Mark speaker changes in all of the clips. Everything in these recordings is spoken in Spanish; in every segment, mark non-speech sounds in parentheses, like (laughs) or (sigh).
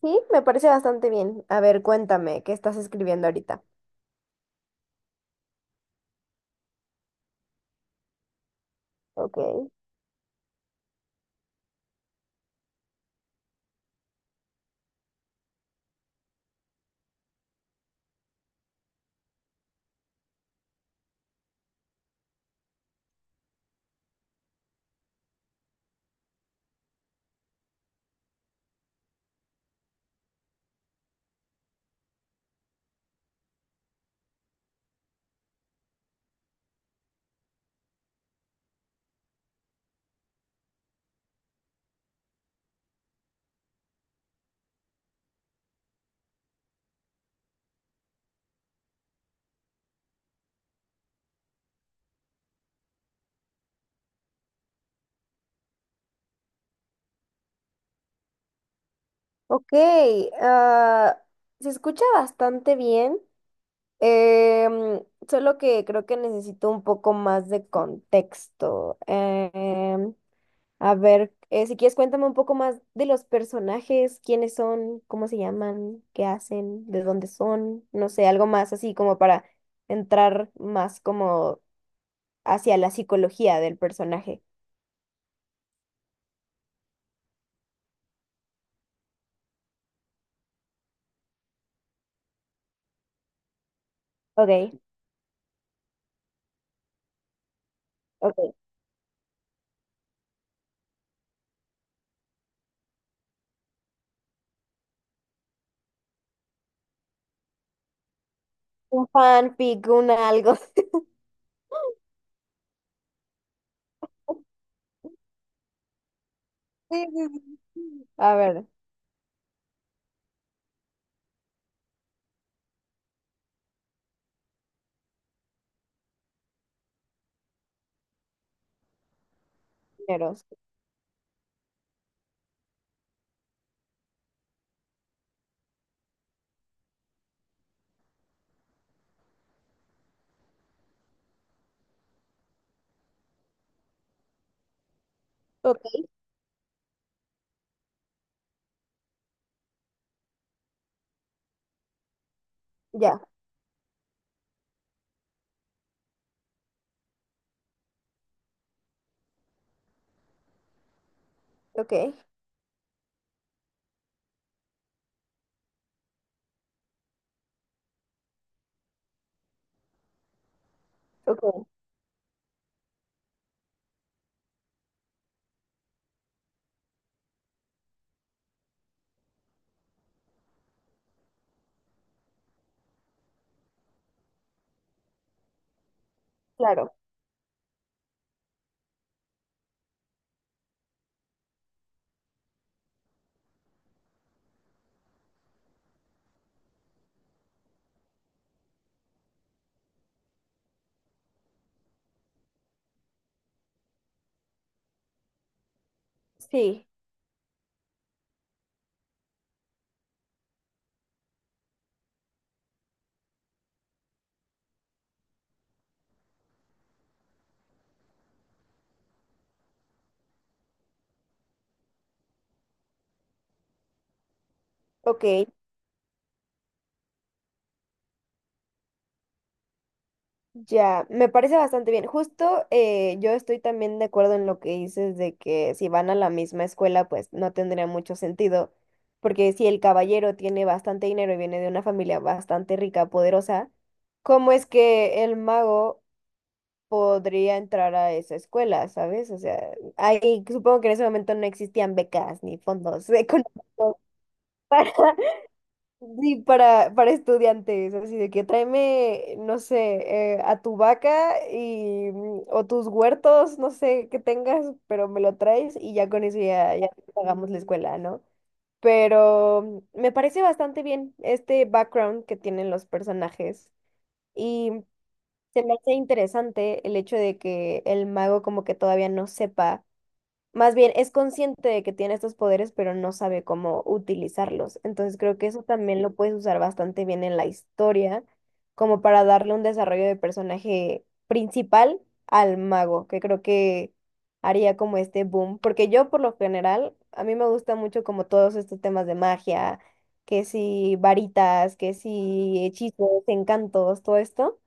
Speaker 1: Sí, me parece bastante bien. A ver, cuéntame, ¿qué estás escribiendo ahorita? Ok. Ok, ah, se escucha bastante bien, em, solo que creo que necesito un poco más de contexto. Si quieres cuéntame un poco más de los personajes, quiénes son, cómo se llaman, qué hacen, de dónde son, no sé, algo más así como para entrar más como hacia la psicología del personaje. Ok, ok. Un fanfic, un algo. (laughs) Sí, sí, sí. (laughs) A ver, primero. Ok, ya, ok, ok, claro, sí, ok, ya, me parece bastante bien. Justo yo estoy también de acuerdo en lo que dices de que si van a la misma escuela, pues no tendría mucho sentido, porque si el caballero tiene bastante dinero y viene de una familia bastante rica, poderosa, ¿cómo es que el mago podría entrar a esa escuela? ¿Sabes? O sea, ahí supongo que en ese momento no existían becas ni fondos económicos para, (laughs) ni para estudiantes, así de que tráeme, no sé, a tu vaca y, mm, o tus huertos, no sé, que tengas, pero me lo traes y ya con eso ya, ya te pagamos la escuela, ¿no? Pero mm, me parece bastante bien este background que tienen los personajes. Y se me hace interesante el hecho de que el mago como que todavía no sepa, más bien es consciente de que tiene estos poderes, pero no sabe cómo utilizarlos. Entonces creo que eso también lo puedes usar bastante bien en la historia, como para darle un desarrollo de personaje principal al mago, que creo que haría como este boom, porque yo por lo general, a mí me gusta mucho como todos estos temas de magia, que si varitas, que si hechizos, encantos, todo esto.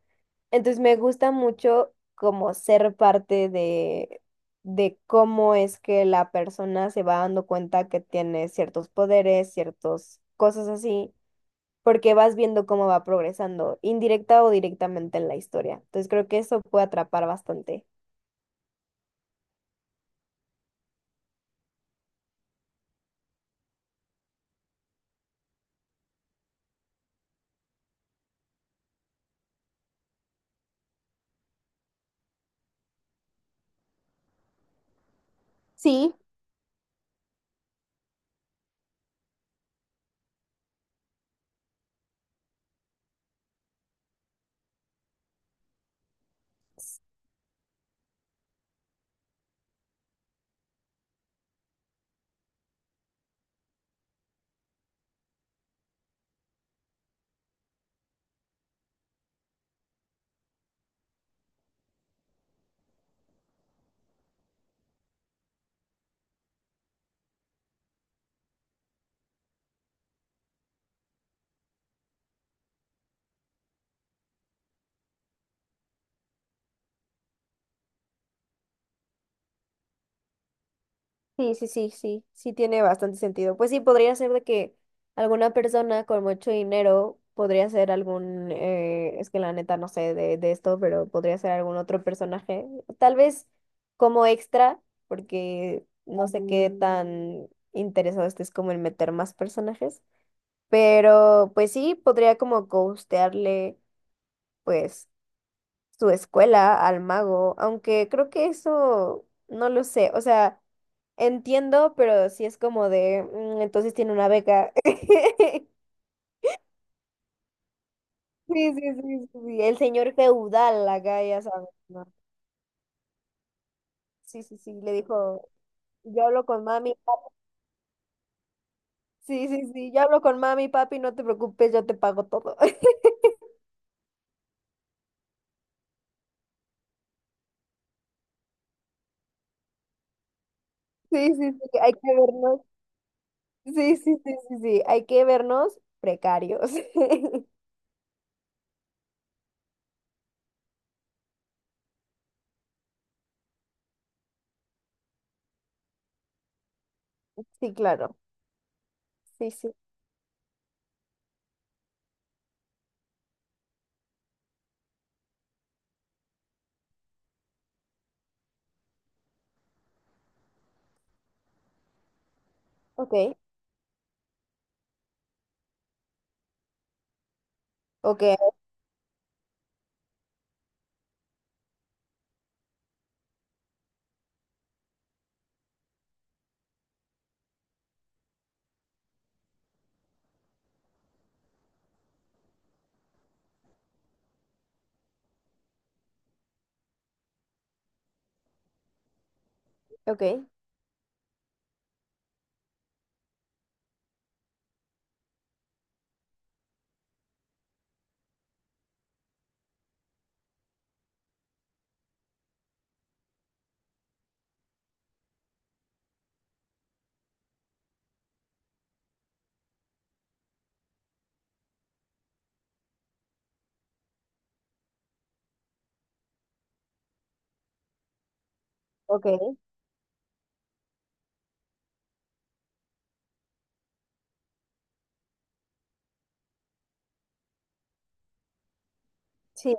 Speaker 1: Entonces me gusta mucho como ser parte de cómo es que la persona se va dando cuenta que tiene ciertos poderes, ciertas cosas así, porque vas viendo cómo va progresando, indirecta o directamente en la historia. Entonces creo que eso puede atrapar bastante. Sí, sí, sí, sí, sí, sí tiene bastante sentido. Pues sí, podría ser de que alguna persona con mucho dinero podría ser algún, es que la neta no sé de esto, pero podría ser algún otro personaje, tal vez como extra, porque no sé qué Mm. tan interesado estés como en meter más personajes, pero pues sí, podría como ghostearle, pues su escuela al mago, aunque creo que eso no lo sé, o sea, entiendo, pero sí es como de, "Mm, entonces tiene una beca." (laughs) Sí, sí, sí, sí, sí, el señor feudal acá, ya sabes, ¿no? Sí, sí, sí, le dijo, "Yo hablo con mami, papi". Sí, sí, sí, yo hablo con mami, papi, no te preocupes, yo te pago todo. (laughs) Sí, sí, sí, hay que vernos. Sí, sí, sí, sí, sí, hay que vernos precarios. (laughs) Sí, claro. Sí, sí. Ok, ok, ok, ok. Sí,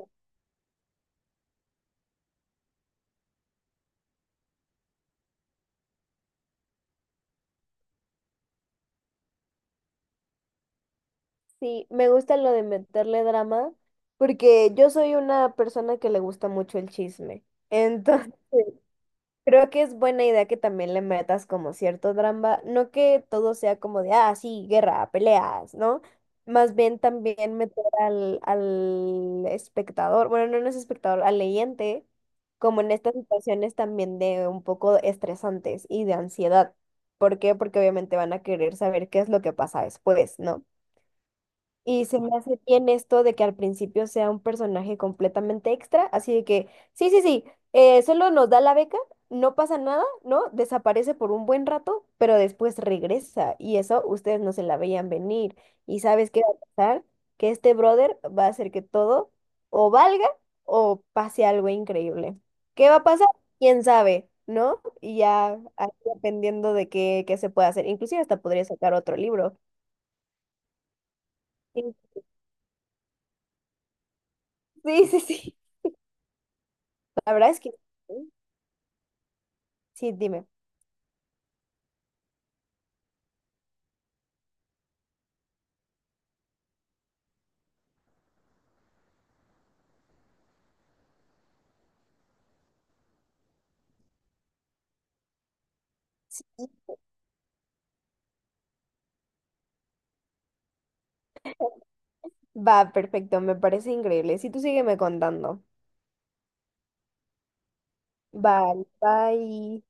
Speaker 1: sí, me gusta lo de meterle drama, porque yo soy una persona que le gusta mucho el chisme. Entonces, (laughs) creo que es buena idea que también le metas como cierto drama, no que todo sea como de, ah, sí, guerra, peleas, ¿no? Más bien también meter al espectador, bueno, no, no es espectador, al leyente, como en estas situaciones también de un poco estresantes y de ansiedad. ¿Por qué? Porque obviamente van a querer saber qué es lo que pasa después, ¿no? Y se me hace bien esto de que al principio sea un personaje completamente extra, así de que, sí, sí, sí, solo nos da la beca, no pasa nada, ¿no? Desaparece por un buen rato, pero después regresa y eso ustedes no se la veían venir. ¿Y sabes qué va a pasar? Que este brother va a hacer que todo o valga o pase algo increíble. ¿Qué va a pasar? ¿Quién sabe? ¿No? Y ya ahí dependiendo de qué, qué se pueda hacer. Inclusive hasta podría sacar otro libro. Sí, sí, sí. Sí. La verdad es que sí. Sí, dime. Sí. Va, perfecto, me parece increíble. Si tú sígueme contando. Vale, bye.